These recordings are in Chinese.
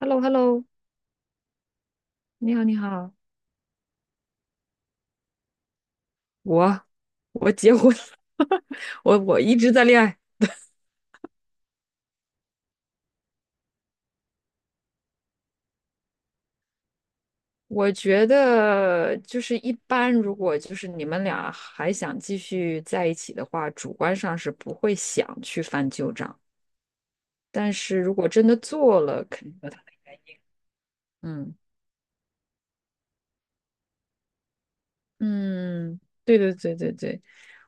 h e l l o h e l l o 你好，你好，我我结婚了，我一直在恋爱。我觉得就是一般，如果就是你们俩还想继续在一起的话，主观上是不会想去翻旧账。但是如果真的做了，肯定有他的嗯。嗯，对对对对对，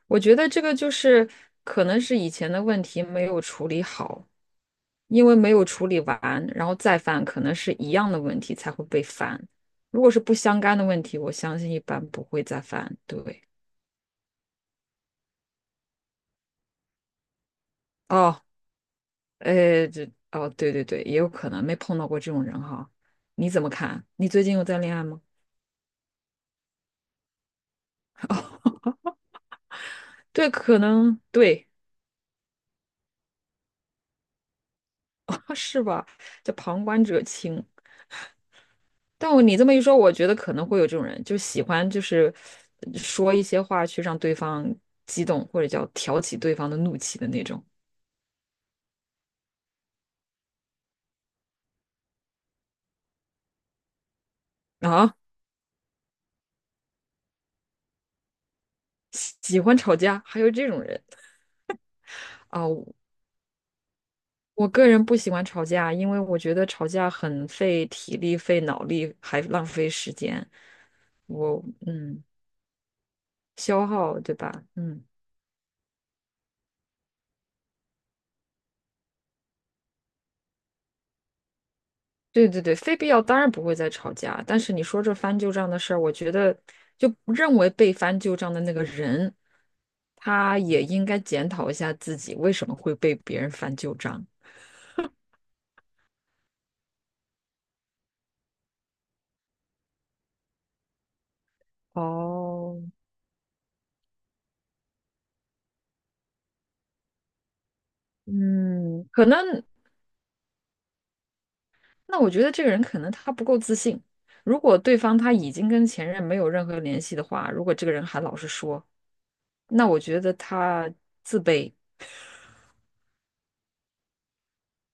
我觉得这个就是可能是以前的问题没有处理好，因为没有处理完，然后再犯，可能是一样的问题才会被翻。如果是不相干的问题，我相信一般不会再犯。对。哦，这，哦，对对对，也有可能没碰到过这种人哈。你怎么看？你最近有在恋爱吗？对，可能对。是吧？叫旁观者清。但我你这么一说，我觉得可能会有这种人，就喜欢就是说一些话去让对方激动，或者叫挑起对方的怒气的那种。啊，喜欢吵架，还有这种人。啊，我个人不喜欢吵架，因为我觉得吵架很费体力、费脑力，还浪费时间。我嗯，消耗，对吧？嗯，对对对，非必要当然不会再吵架。但是你说这翻旧账的事儿，我觉得就认为被翻旧账的那个人，他也应该检讨一下自己为什么会被别人翻旧账。哦，嗯，可能那我觉得这个人可能他不够自信。如果对方他已经跟前任没有任何联系的话，如果这个人还老是说，那我觉得他自卑，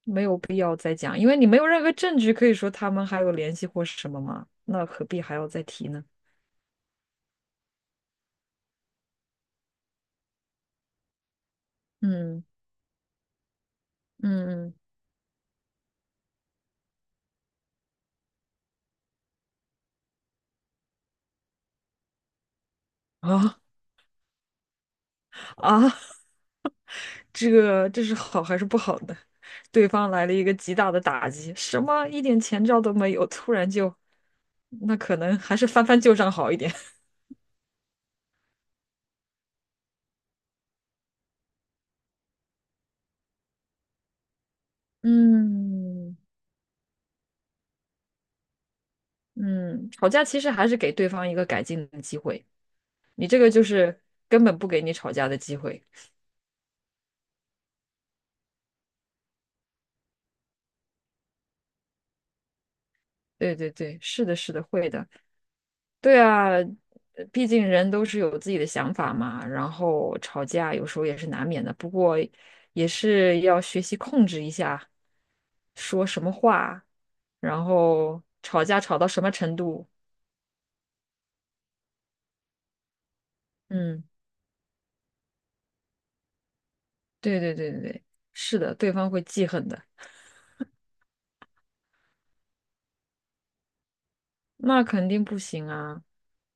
没有必要再讲，因为你没有任何证据可以说他们还有联系或是什么嘛，那何必还要再提呢？嗯嗯嗯啊。啊，这个这是好还是不好的？对方来了一个极大的打击，什么一点前兆都没有，突然就，那可能还是翻翻旧账好一点。嗯。嗯，吵架其实还是给对方一个改进的机会，你这个就是根本不给你吵架的机会。对对对，是的，是的，会的。对啊，毕竟人都是有自己的想法嘛，然后吵架有时候也是难免的，不过也是要学习控制一下说什么话，然后吵架吵到什么程度。嗯，对对对对对，是的，对方会记恨的，那肯定不行啊。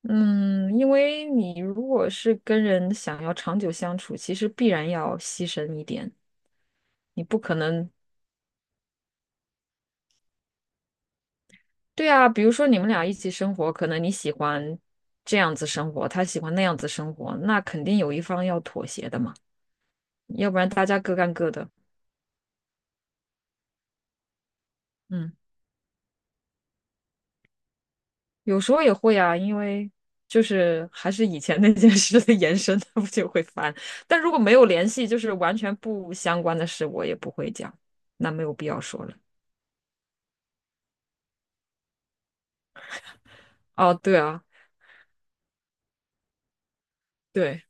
嗯，因为你如果是跟人想要长久相处，其实必然要牺牲一点，你不可能，对啊，比如说你们俩一起生活，可能你喜欢这样子生活，他喜欢那样子生活，那肯定有一方要妥协的嘛，要不然大家各干各的。嗯，有时候也会啊，因为就是还是以前那件事的延伸，他不就会烦。但如果没有联系，就是完全不相关的事，我也不会讲，那没有必要说了。哦，对啊。对。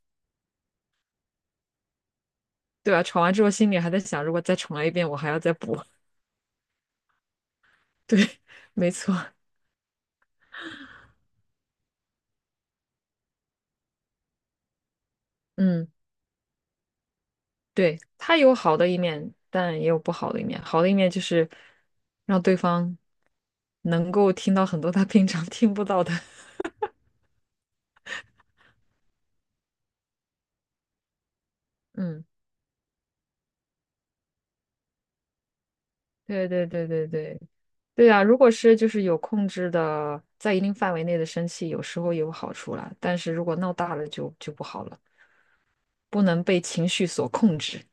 对啊，吵完之后心里还在想，如果再重来一遍，我还要再补。对，没错，嗯，对，他有好的一面，但也有不好的一面。好的一面就是让对方能够听到很多他平常听不到的。嗯，对对对对对对啊！如果是就是有控制的，在一定范围内的生气，有时候有好处啦，但是如果闹大了就不好了，不能被情绪所控制。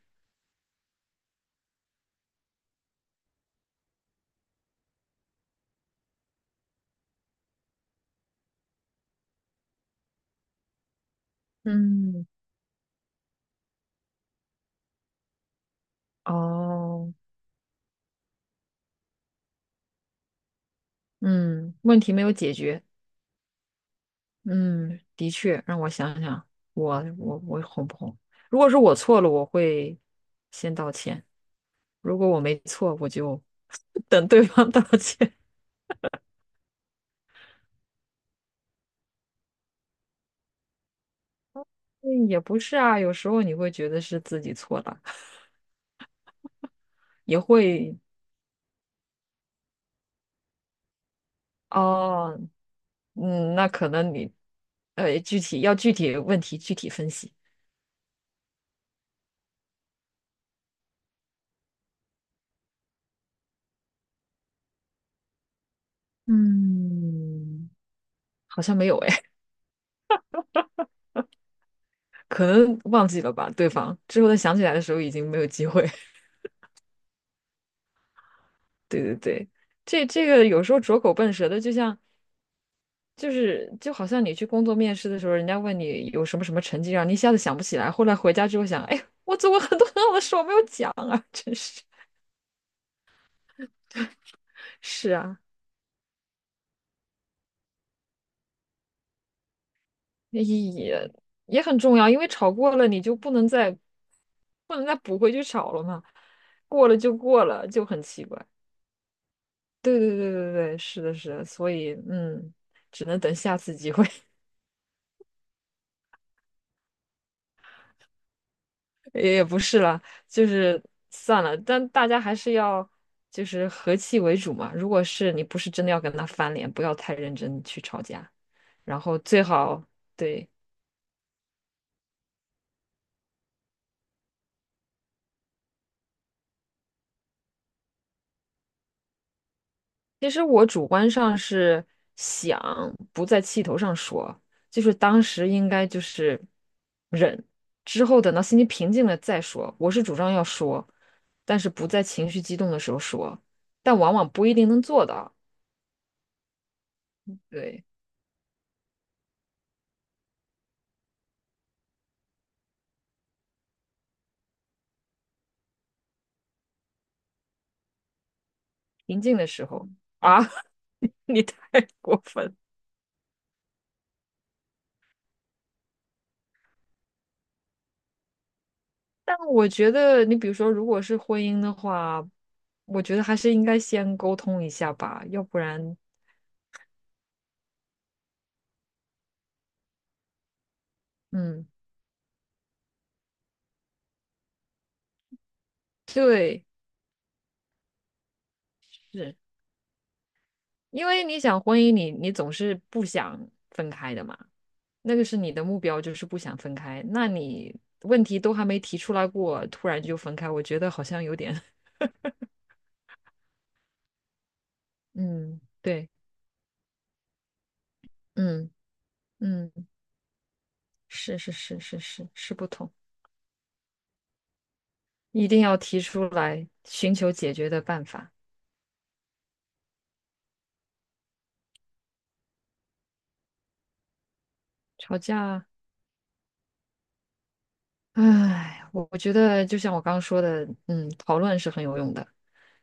嗯，哦，嗯，问题没有解决。嗯，的确，让我想想，我哄不哄？如果是我错了，我会先道歉；如果我没错，我就 等对方道歉。嗯，也不是啊，有时候你会觉得是自己错了，也会。哦，嗯，那可能你具体要具体问题具体分析。嗯，好像没有哎，可能忘记了吧，对方之后再想起来的时候已经没有机会。对对对。这这个有时候拙口笨舌的，就像就是就好像你去工作面试的时候，人家问你有什么什么成绩，让你一下子想不起来，后来回家之后想，哎，我做过很多很好的事，我没有讲啊，真是是啊，也也很重要，因为吵过了你就不能再补回去吵了嘛，过了就过了，就很奇怪。对对对对对，是的，是的，所以嗯，只能等下次机会。也不是了，就是算了，但大家还是要就是和气为主嘛。如果是你不是真的要跟他翻脸，不要太认真去吵架，然后最好对。其实我主观上是想不在气头上说，就是当时应该就是忍，之后等到心情平静了再说。我是主张要说，但是不在情绪激动的时候说，但往往不一定能做到。对。临静的时候啊，你太过分了。但我觉得，你比如说，如果是婚姻的话，我觉得还是应该先沟通一下吧，要不然，嗯，对，是因为你想婚姻你，你总是不想分开的嘛，那个是你的目标，就是不想分开。那你问题都还没提出来过，突然就分开，我觉得好像有点，嗯，对，嗯嗯，是是是是是是不同。一定要提出来，寻求解决的办法。吵架啊，唉，我觉得就像我刚刚说的，嗯，讨论是很有用的，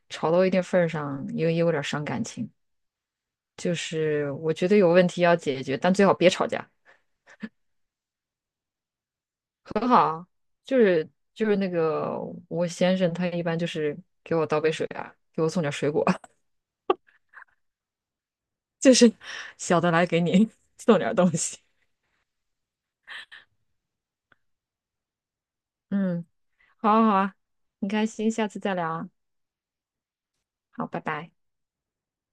吵到一定份儿上，也也有点儿伤感情。就是我觉得有问题要解决，但最好别吵架。就是就是那个我先生，他一般就是给我倒杯水啊，给我送点儿水果，就是小的来给你 送点儿东西。嗯，好啊好啊，很开心，下次再聊啊。好，拜拜。